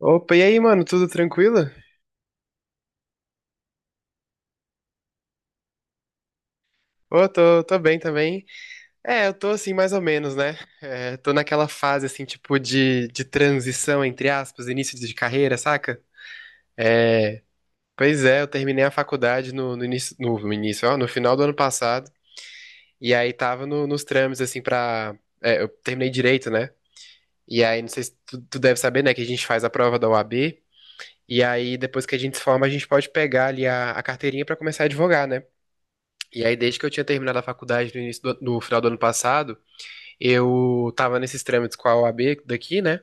Opa, e aí, mano, tudo tranquilo? Ô, tô bem também. É, eu tô assim, mais ou menos, né? É, tô naquela fase, assim, tipo, de transição, entre aspas, início de carreira, saca? É, pois é, eu terminei a faculdade no final do ano passado, e aí tava nos trâmites, assim, eu terminei direito, né? E aí, não sei se tu deve saber, né, que a gente faz a prova da OAB, e aí, depois que a gente se forma, a gente pode pegar ali a carteirinha pra começar a advogar, né? E aí, desde que eu tinha terminado a faculdade no final do ano passado, eu tava nesses trâmites com a OAB daqui, né?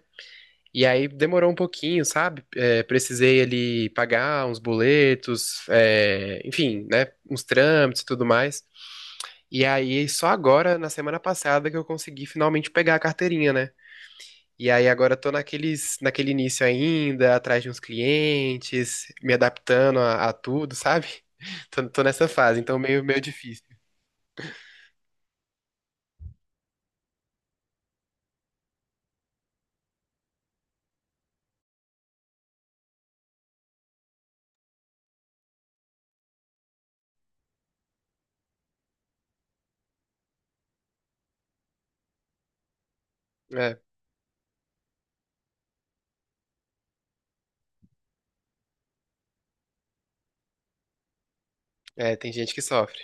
E aí demorou um pouquinho, sabe? É, precisei ali pagar uns boletos, enfim, né? Uns trâmites e tudo mais. E aí, só agora, na semana passada, que eu consegui finalmente pegar a carteirinha, né? E aí agora eu tô naquele início ainda, atrás de uns clientes, me adaptando a tudo, sabe? Tô nessa fase, então meio difícil. É. É, tem gente que sofre.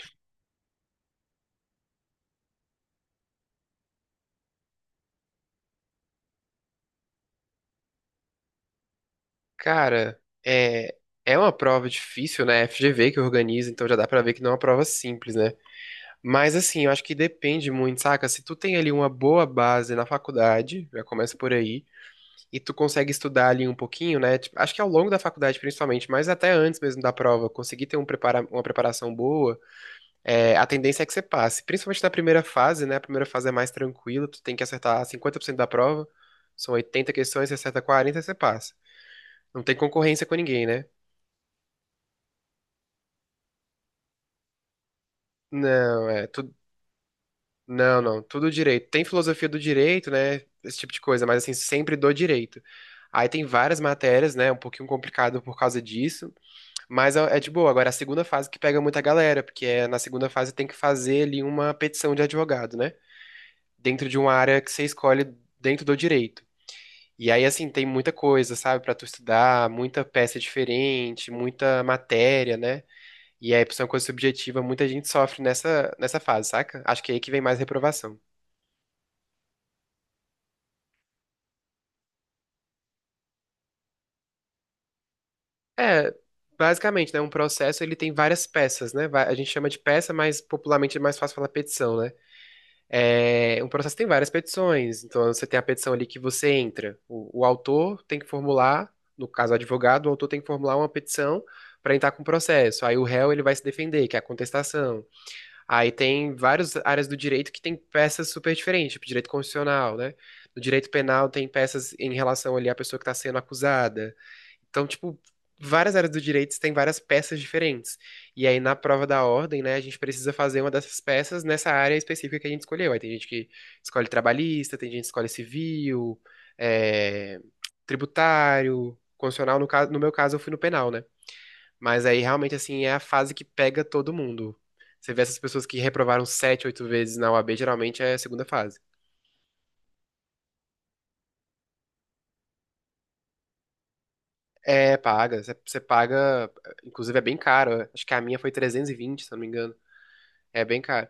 Cara, é, é uma prova difícil, né? FGV que organiza, então já dá pra ver que não é uma prova simples, né? Mas assim, eu acho que depende muito, saca? Se tu tem ali uma boa base na faculdade, já começa por aí, e tu consegue estudar ali um pouquinho, né? Tipo, acho que ao longo da faculdade principalmente, mas até antes mesmo da prova, conseguir ter um prepara uma preparação boa, a tendência é que você passe. Principalmente na primeira fase, né? A primeira fase é mais tranquila, tu tem que acertar 50% da prova. São 80 questões, você acerta 40 e você passa. Não tem concorrência com ninguém, né? Não, é tudo. Não, não, tudo direito. Tem filosofia do direito, né? Esse tipo de coisa, mas assim, sempre do direito. Aí tem várias matérias, né? Um pouquinho complicado por causa disso, mas é de boa. Agora, a segunda fase que pega muita galera, porque na segunda fase tem que fazer ali uma petição de advogado, né? Dentro de uma área que você escolhe dentro do direito. E aí, assim, tem muita coisa, sabe, pra tu estudar, muita peça diferente, muita matéria, né? E aí, por ser uma coisa subjetiva, muita gente sofre nessa fase, saca? Acho que é aí que vem mais reprovação. É, basicamente, né? Um processo, ele tem várias peças, né? A gente chama de peça, mas popularmente é mais fácil falar petição, né? É, um processo tem várias petições. Então, você tem a petição ali que você entra. O autor tem que formular, no caso, o advogado, o autor tem que formular uma petição para entrar com o processo. Aí, o réu, ele vai se defender, que é a contestação. Aí tem várias áreas do direito que tem peças super diferentes, tipo direito constitucional, né? No direito penal tem peças em relação ali à pessoa que está sendo acusada. Então, tipo, várias áreas do direito tem várias peças diferentes. E aí na prova da ordem, né, a gente precisa fazer uma dessas peças nessa área específica que a gente escolheu. Aí tem gente que escolhe trabalhista, tem gente que escolhe civil, é, tributário, constitucional. No caso, no meu caso, eu fui no penal, né? Mas aí realmente assim é a fase que pega todo mundo. Você vê essas pessoas que reprovaram sete, oito vezes na UAB, geralmente é a segunda fase. É, paga. Você paga, inclusive é bem caro. Acho que a minha foi 320 se eu não me engano. É bem caro.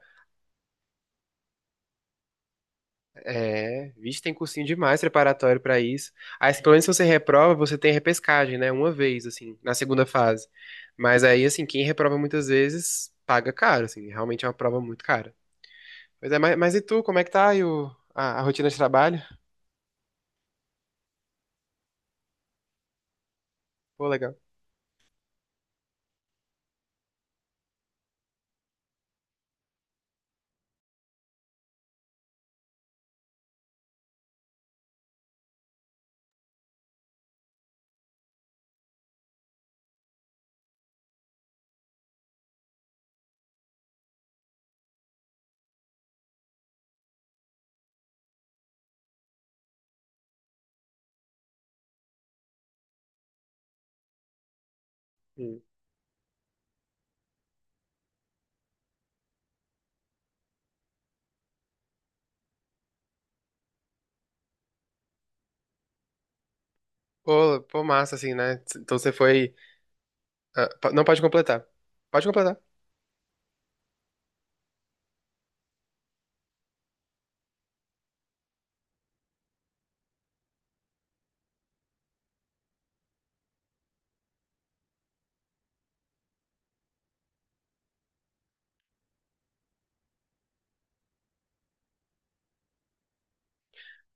É, vixe, tem cursinho demais preparatório pra isso. Aí, assim, pelo menos se você reprova, você tem repescagem, né? Uma vez, assim, na segunda fase. Mas aí, assim, quem reprova muitas vezes paga caro, assim. Realmente é uma prova muito cara. Pois é, mas e tu, como é que tá aí a rotina de trabalho? Pô, legal. Hum. Pô, massa, assim, né? Então você foi. Ah, não pode completar. Pode completar.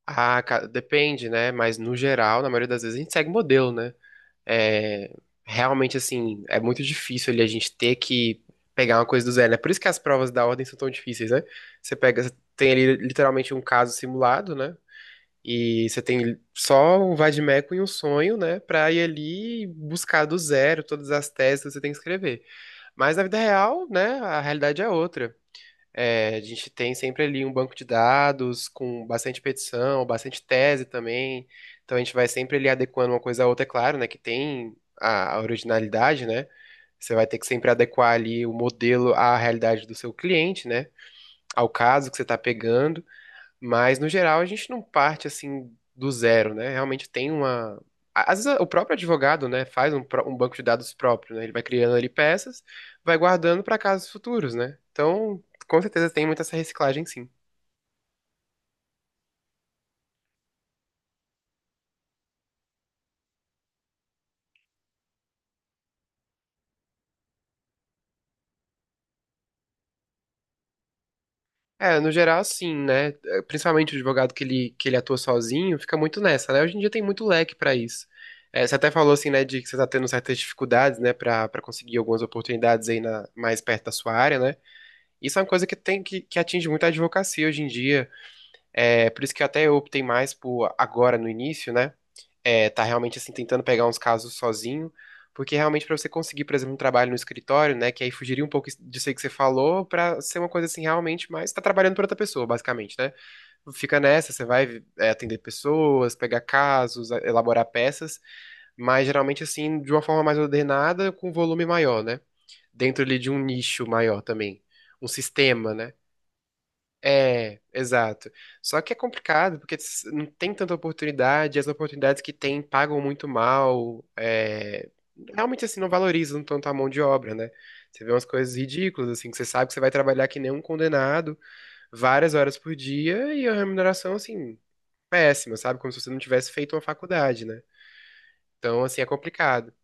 Ah, cara, depende, né? Mas no geral, na maioria das vezes, a gente segue modelo, né? É, realmente, assim, é muito difícil ali a gente ter que pegar uma coisa do zero, né? Por isso que as provas da ordem são tão difíceis, né? Você tem ali literalmente um caso simulado, né? E você tem só um vade-mecum e um sonho, né? Pra ir ali e buscar do zero todas as teses que você tem que escrever. Mas na vida real, né? A realidade é outra. É, a gente tem sempre ali um banco de dados com bastante petição, bastante tese também. Então a gente vai sempre ali adequando uma coisa à outra, é claro, né? Que tem a originalidade, né? Você vai ter que sempre adequar ali o modelo à realidade do seu cliente, né? Ao caso que você está pegando. Mas, no geral, a gente não parte assim do zero, né? Realmente tem uma. Às vezes, o próprio advogado, né, faz um banco de dados próprio, né? Ele vai criando ali peças, vai guardando para casos futuros, né? Então, com certeza tem muita essa reciclagem, sim. É, no geral, sim, né? Principalmente o advogado que ele atua sozinho, fica muito nessa, né? Hoje em dia tem muito leque para isso. Você até falou, assim, né, de que você tá tendo certas dificuldades, né, para conseguir algumas oportunidades aí mais perto da sua área, né? Isso é uma coisa que atinge muito a advocacia hoje em dia. É, por isso que até eu optei mais por agora no início, né? É, tá realmente assim tentando pegar uns casos sozinho, porque realmente para você conseguir, por exemplo, um trabalho no escritório, né, que aí fugiria um pouco disso aí que você falou, para ser uma coisa assim realmente, mas tá trabalhando para outra pessoa, basicamente, né? Fica nessa, você vai atender pessoas, pegar casos, elaborar peças, mas geralmente assim de uma forma mais ordenada, com volume maior, né? Dentro ali de um nicho maior também, um sistema, né? É, exato. Só que é complicado, porque não tem tanta oportunidade, as oportunidades que tem pagam muito mal, realmente assim, não valorizam tanto a mão de obra, né? Você vê umas coisas ridículas, assim, que você sabe que você vai trabalhar que nem um condenado, várias horas por dia, e a remuneração, assim, péssima, sabe? Como se você não tivesse feito uma faculdade, né? Então, assim, é complicado.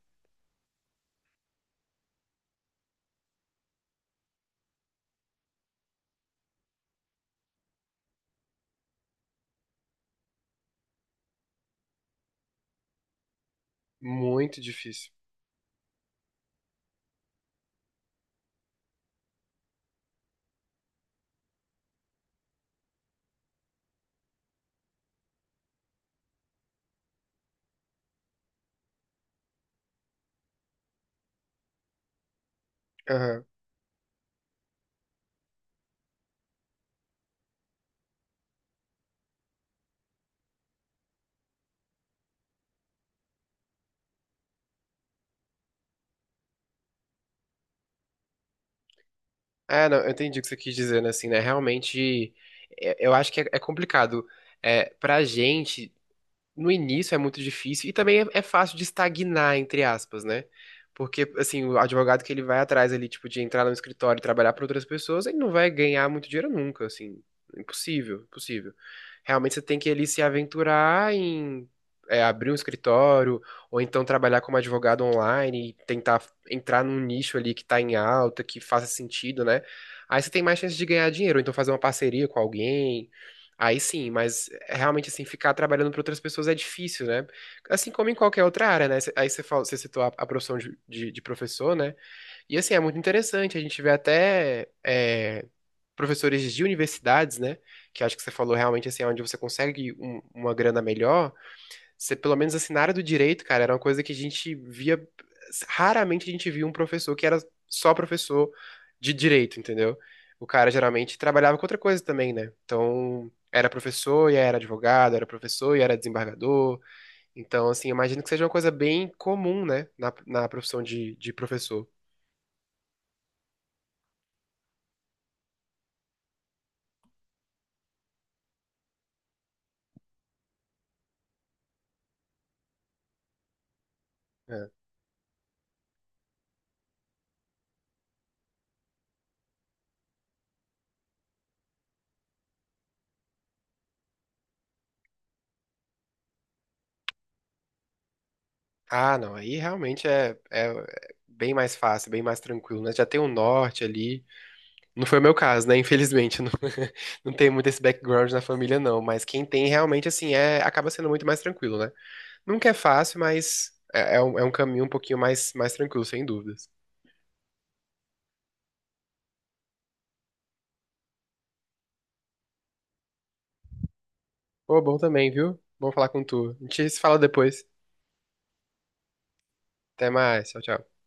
Muito difícil. Aham. É, não, eu entendi o que você quis dizer, né? Assim, né? Realmente, eu acho que é complicado. É, pra gente. No início é muito difícil e também é fácil de estagnar, entre aspas, né? Porque, assim, o advogado que ele vai atrás ali, tipo, de entrar no escritório e trabalhar para outras pessoas, ele não vai ganhar muito dinheiro nunca, assim. Impossível, impossível. Realmente você tem que ali se aventurar em abrir um escritório, ou então trabalhar como advogado online e tentar entrar num nicho ali que tá em alta, que faça sentido, né? Aí você tem mais chance de ganhar dinheiro, ou então fazer uma parceria com alguém. Aí sim, mas é realmente assim, ficar trabalhando para outras pessoas é difícil, né? Assim como em qualquer outra área, né? Aí você falou, você citou a profissão de professor, né? E assim, é muito interessante, a gente vê até professores de universidades, né? Que acho que você falou realmente assim, é onde você consegue uma grana melhor, você, pelo menos assim, na área do direito, cara, era uma coisa que a gente via. Raramente a gente via um professor que era só professor de direito, entendeu? O cara geralmente trabalhava com outra coisa também, né? Então, era professor e era advogado, era professor e era desembargador. Então, assim, imagino que seja uma coisa bem comum, né? Na profissão de professor. É. Ah, não, aí realmente é bem mais fácil, bem mais tranquilo, né? Já tem um norte ali. Não foi o meu caso, né? Infelizmente, não, não tem muito esse background na família, não. Mas quem tem realmente, assim, acaba sendo muito mais tranquilo, né? Nunca é fácil, mas é um caminho um pouquinho mais tranquilo, sem dúvidas. Pô, bom também, viu? Bom falar com tu. A gente se fala depois. Até mais. Tchau, tchau.